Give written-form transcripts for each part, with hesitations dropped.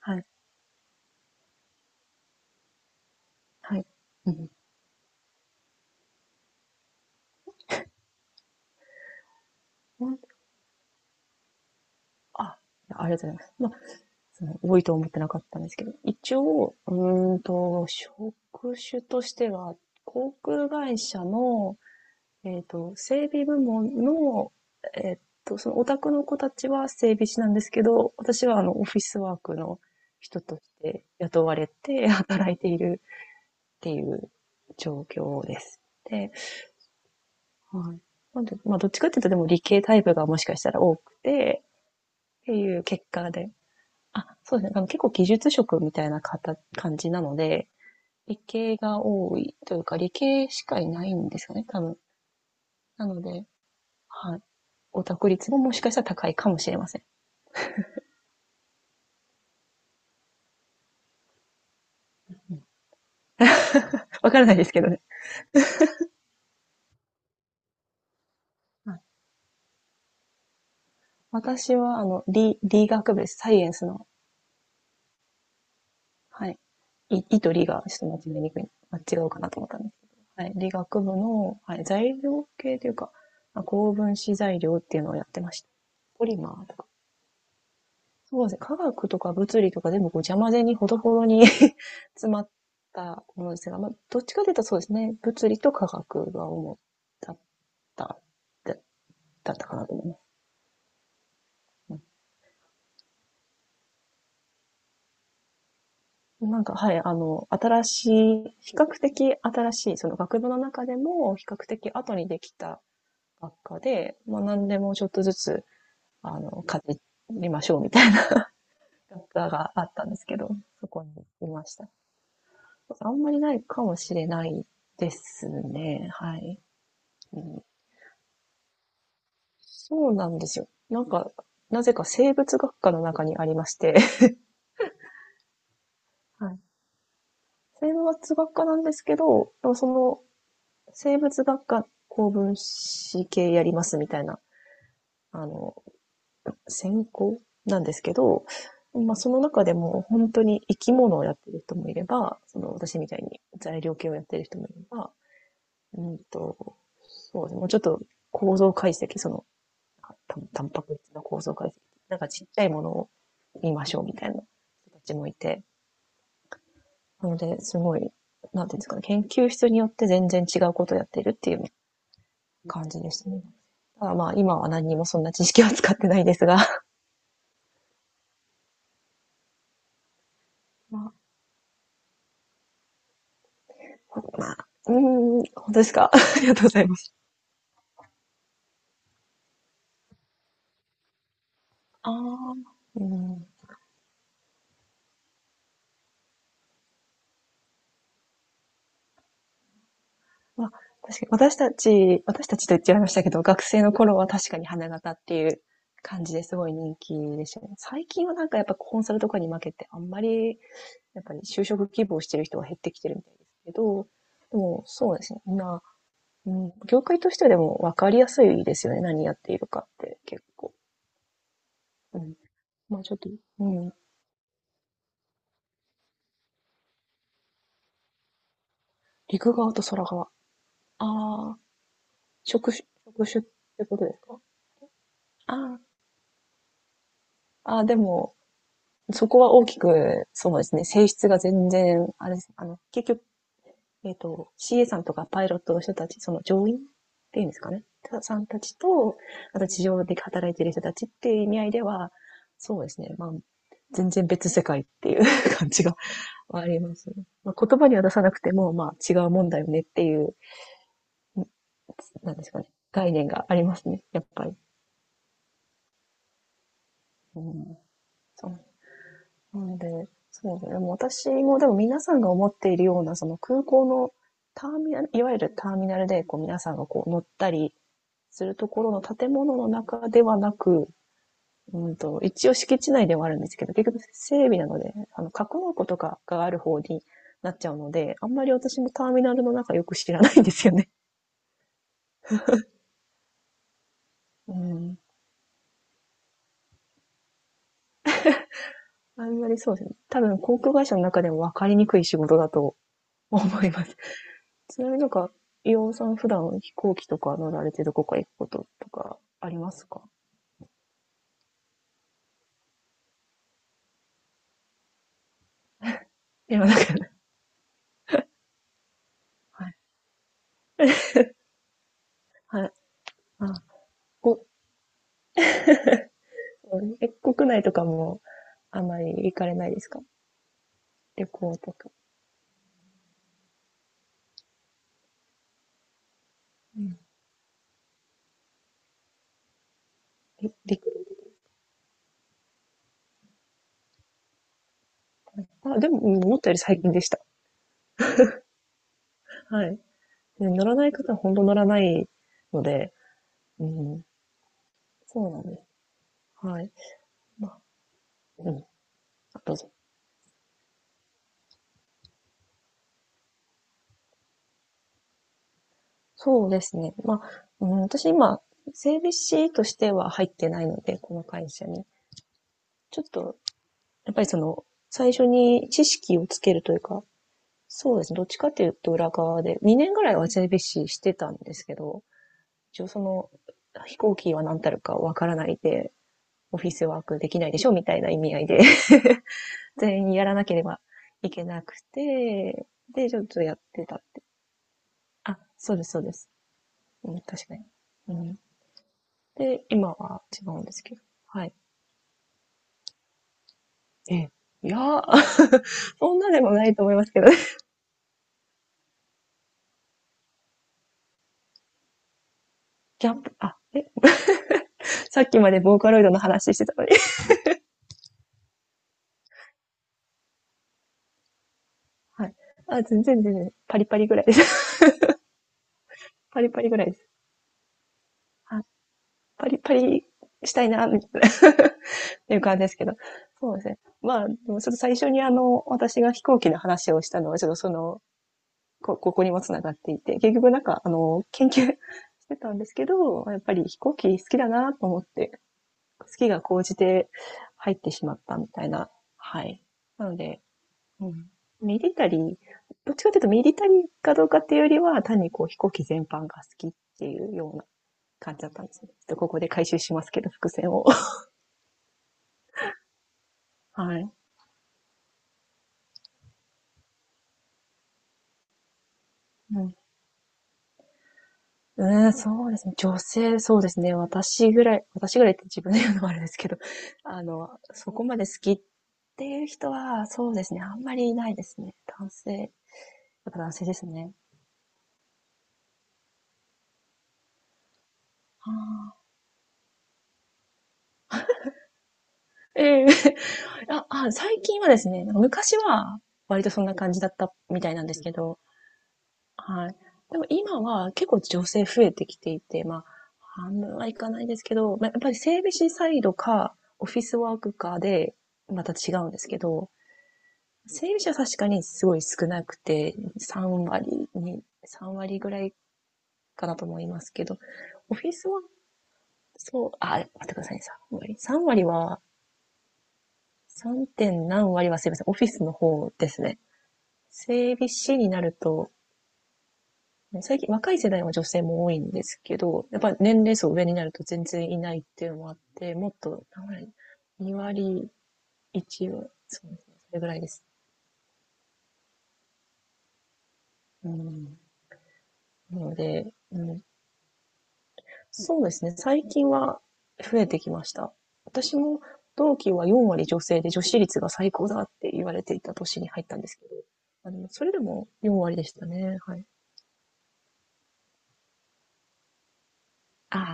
はい、はい。うん。ほんあ、ありがとうございます。多いと思ってなかったんですけど、一応、職種としては、航空会社の、整備部門の、えっそのオタクの子たちは整備士なんですけど、私はオフィスワークの人として雇われて 働いているっていう状況です。で、はい。なんで、まあ、どっちかっていうと、でも理系タイプがもしかしたら多くて、っていう結果で、あ、そうですね。あの、結構技術職みたいな方感じなので、理系が多いというか、理系しかいないんですよね、多分。なので、はい。オタク率ももしかしたら高いかもしれません。うん。わからないですけどね。はい。私は、あの、理学部です。サイエンスの、はい。い、いと理がちょっと間違いにくい、間違うかなと思ったんですけど。はい。理学部の、はい、材料系というか、まあ、高分子材料っていうのをやってました。ポリマーとか。そうですね。科学とか物理とか全部こう邪魔ぜにほどほどに 詰まったものですが、まあ、どっちかというとそうですね。物理と科学が主だった、だだったかなと思います。うん。なんか、はい、あの、新しい、比較的新しい、その学部の中でも比較的後にできた学科で、まあ何でもちょっとずつ、あの、かじりましょうみたいな学科があったんですけど、そこにいました。あんまりないかもしれないですね。はい。うん、そうなんですよ。なんか、なぜか生物学科の中にありまして、はい。生物学科なんですけど、でもその、生物学科高分子系やりますみたいな、あの、専攻なんですけど、まあその中でも本当に生き物をやってる人もいれば、その私みたいに材料系をやってる人もいれば、うんと、そうですね、もうちょっと構造解析、そのタンパク質の構造解析、なんかちっちゃいものを見ましょうみたいな人たちもいて、なので、すごい、なんていうんですかね、研究室によって全然違うことをやっているっていう感じでしたね。ただまあ、今は何にもそんな知識は使ってないですが、まあ、まあ、うーん、本当ですか？ ありがとうございます。ああ、うん。まあ、確かに私たちと言っちゃいましたけど、学生の頃は確かに花形っていう感じですごい人気でしたね。最近はなんかやっぱコンサルとかに負けて、あんまりやっぱり就職希望してる人は減ってきてるみたいですけど、でもそうですね、今、うん、業界としてでも分かりやすいですよね、何やっているかって結構。うん。まあ、ちょっと、うん、陸側と空側。ああ、職種ってことですか？ああ、ああ、でもそこは大きく、そうですね、性質が全然、あれです、あの、結局、CA さんとかパイロットの人たち、その乗員っていうんですかね、さんたちと、あと地上で働いてる人たちっていう意味合いでは、そうですね、まあ、全然別世界っていう 感じがありますね。まあ、言葉には出さなくても、まあ、違うもんだよねっていう、なんですかね、概念がありますね、やっぱり。うん、そう。なので、そうですね。でも私も、でも皆さんが思っているような、その空港のターミナル、いわゆるターミナルで、こう皆さんがこう乗ったりするところの建物の中ではなく、うんと、一応敷地内ではあるんですけど、結局整備なので、あの、格納庫とかがある方になっちゃうので、あんまり私もターミナルの中よく知らないんですよね。うん。あんまりそうですね。多分航空会社の中でも分かりにくい仕事だと思います。ちなみになんか、伊オンさん普段飛行機とか乗られてどこか行くこととかありますか？いや、なんか、はい。はい。あ、こ国内とかもあんまり行かれないですか？旅行とか。うん。え陸あ、でも、思ったより最近でした。はい。で乗らない方は本当乗らないので、うん。そうなんです。はい。まあ、うん。あどうぞ。そうですね。まあ、うん、私今、整備士としては入ってないので、この会社に。ちょっとやっぱりその、最初に知識をつけるというか、そうですね。どっちかっていうと裏側で、2年ぐらいは JBC してたんですけど、一応その、飛行機は何たるかわからないで、オフィスワークできないでしょみたいな意味合いで 全員やらなければいけなくて、で、ちょっとやってたって。あ、そうです。うん、確かに。うん。で、今は違うんですけど。はい。え、いやー、そんなでもないと思いますけどね。キャンプ、あ、え、さっきまでボーカロイドの話してたのに。はい。あ、全然、パリパリぐらいです。パリパリぐらいです。あ、パリパリしたいな、みたいな っていう感じですけど。そうですね。まあ、でもちょっと最初にあの、私が飛行機の話をしたのは、ちょっとその、ここにも繋がっていて、結局なんか、あの、研究してたんですけど、やっぱり飛行機好きだなと思って、好きが高じて入ってしまったみたいな、はい。なので、うん。ミリタリー、どっちかというとミリタリーかどうかっていうよりは、単にこう飛行機全般が好きっていうような感じだったんですね。ちょっとここで回収しますけど、伏線を。はい。うん。うん、そうですね。そうですね。私ぐらいって自分で言うのもあれですけど、あの、そこまで好きっていう人は、そうですね。あんまりいないですね。男性、やっぱ男性ですね。ああ。ええ。 あ、あ、最近はですね、なんか昔は割とそんな感じだったみたいなんですけど、はい。でも今は結構女性増えてきていて、まあ、半分はいかないですけど、まあ、やっぱり整備士サイドか、オフィスワークかで、また違うんですけど、整備士は確かにすごい少なくて、3割ぐらいかなと思いますけど、オフィスは、そう、あ、待ってくださいね、3割。3割は、3. 点何割はすいません、オフィスの方ですね。整備士になると、ね最近、若い世代は女性も多いんですけど、やっぱり年齢層上になると全然いないっていうのもあって、もっと、2割、1割、そうですね、それぐらいです。うん。なので、うん、そうですね、最近は増えてきました。私も同期は4割女性で女子率が最高だって言われていた年に入ったんですけど、あの、それでも4割でしたね。はい。あ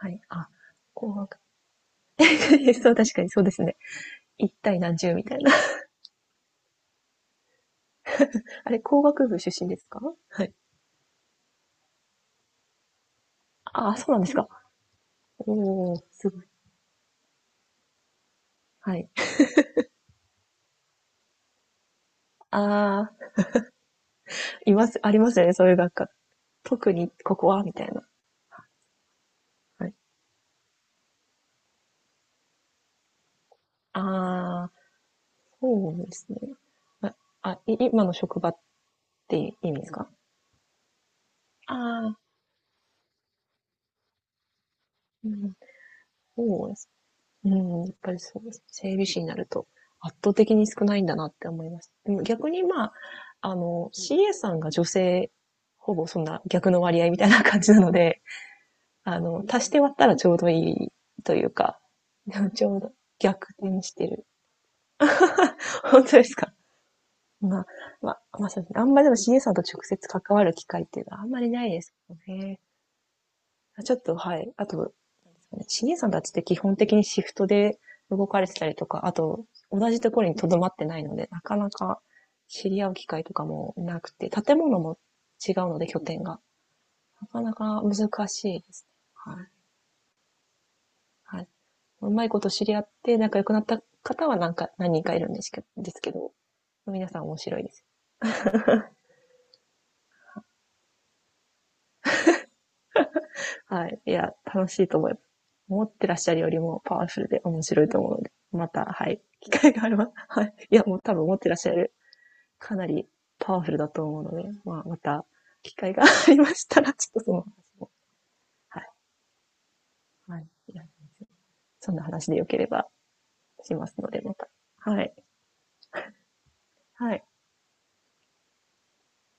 あ、はい。あ、紅白。そう、確かにそうですね。一対何十みたい。あれ、工学部出身ですか？はい。ああ、そうなんですか。おー、すごい。はい。ああ、います、ありますよね。そういう学科。特にここは、みたいな。はい。ああ、そうですね。あ、あい今の職場って意味ですか、ああー、うん、そうです。うん、やっぱりそうです。整備士になると圧倒的に少ないんだなって思います。でも逆にまあ、あの、CA さんが女性、ほぼそんな逆の割合みたいな感じなので、あの、足して割ったらちょうどいいというか、ちょうど逆転してる。本当ですか？まあ、まあ、まあそうですね。あんまりでも CA さんと直接関わる機会っていうのはあんまりないですよね。ちょっと、はい。あと、CA さんたちって基本的にシフトで動かれてたりとか、あと、同じところに留まってないので、なかなか知り合う機会とかもなくて、建物も違うので、拠点が。なかなか難しいですね。はい。はい。うまいこと知り合って仲良くなった方はなんか何人かいるんですけど、ですけど皆さん面白いです。はい。いや、楽しいと思います。思ってらっしゃるよりもパワフルで面白いと思うので、また、はい。機会があれば、はい。いや、もう多分思ってらっしゃる、かなりパワフルだと思うので、まあ、また、機会がありましたら、ちょっとその話も、はい。はい。いやそんな話でよければしますので、また。はい。はい。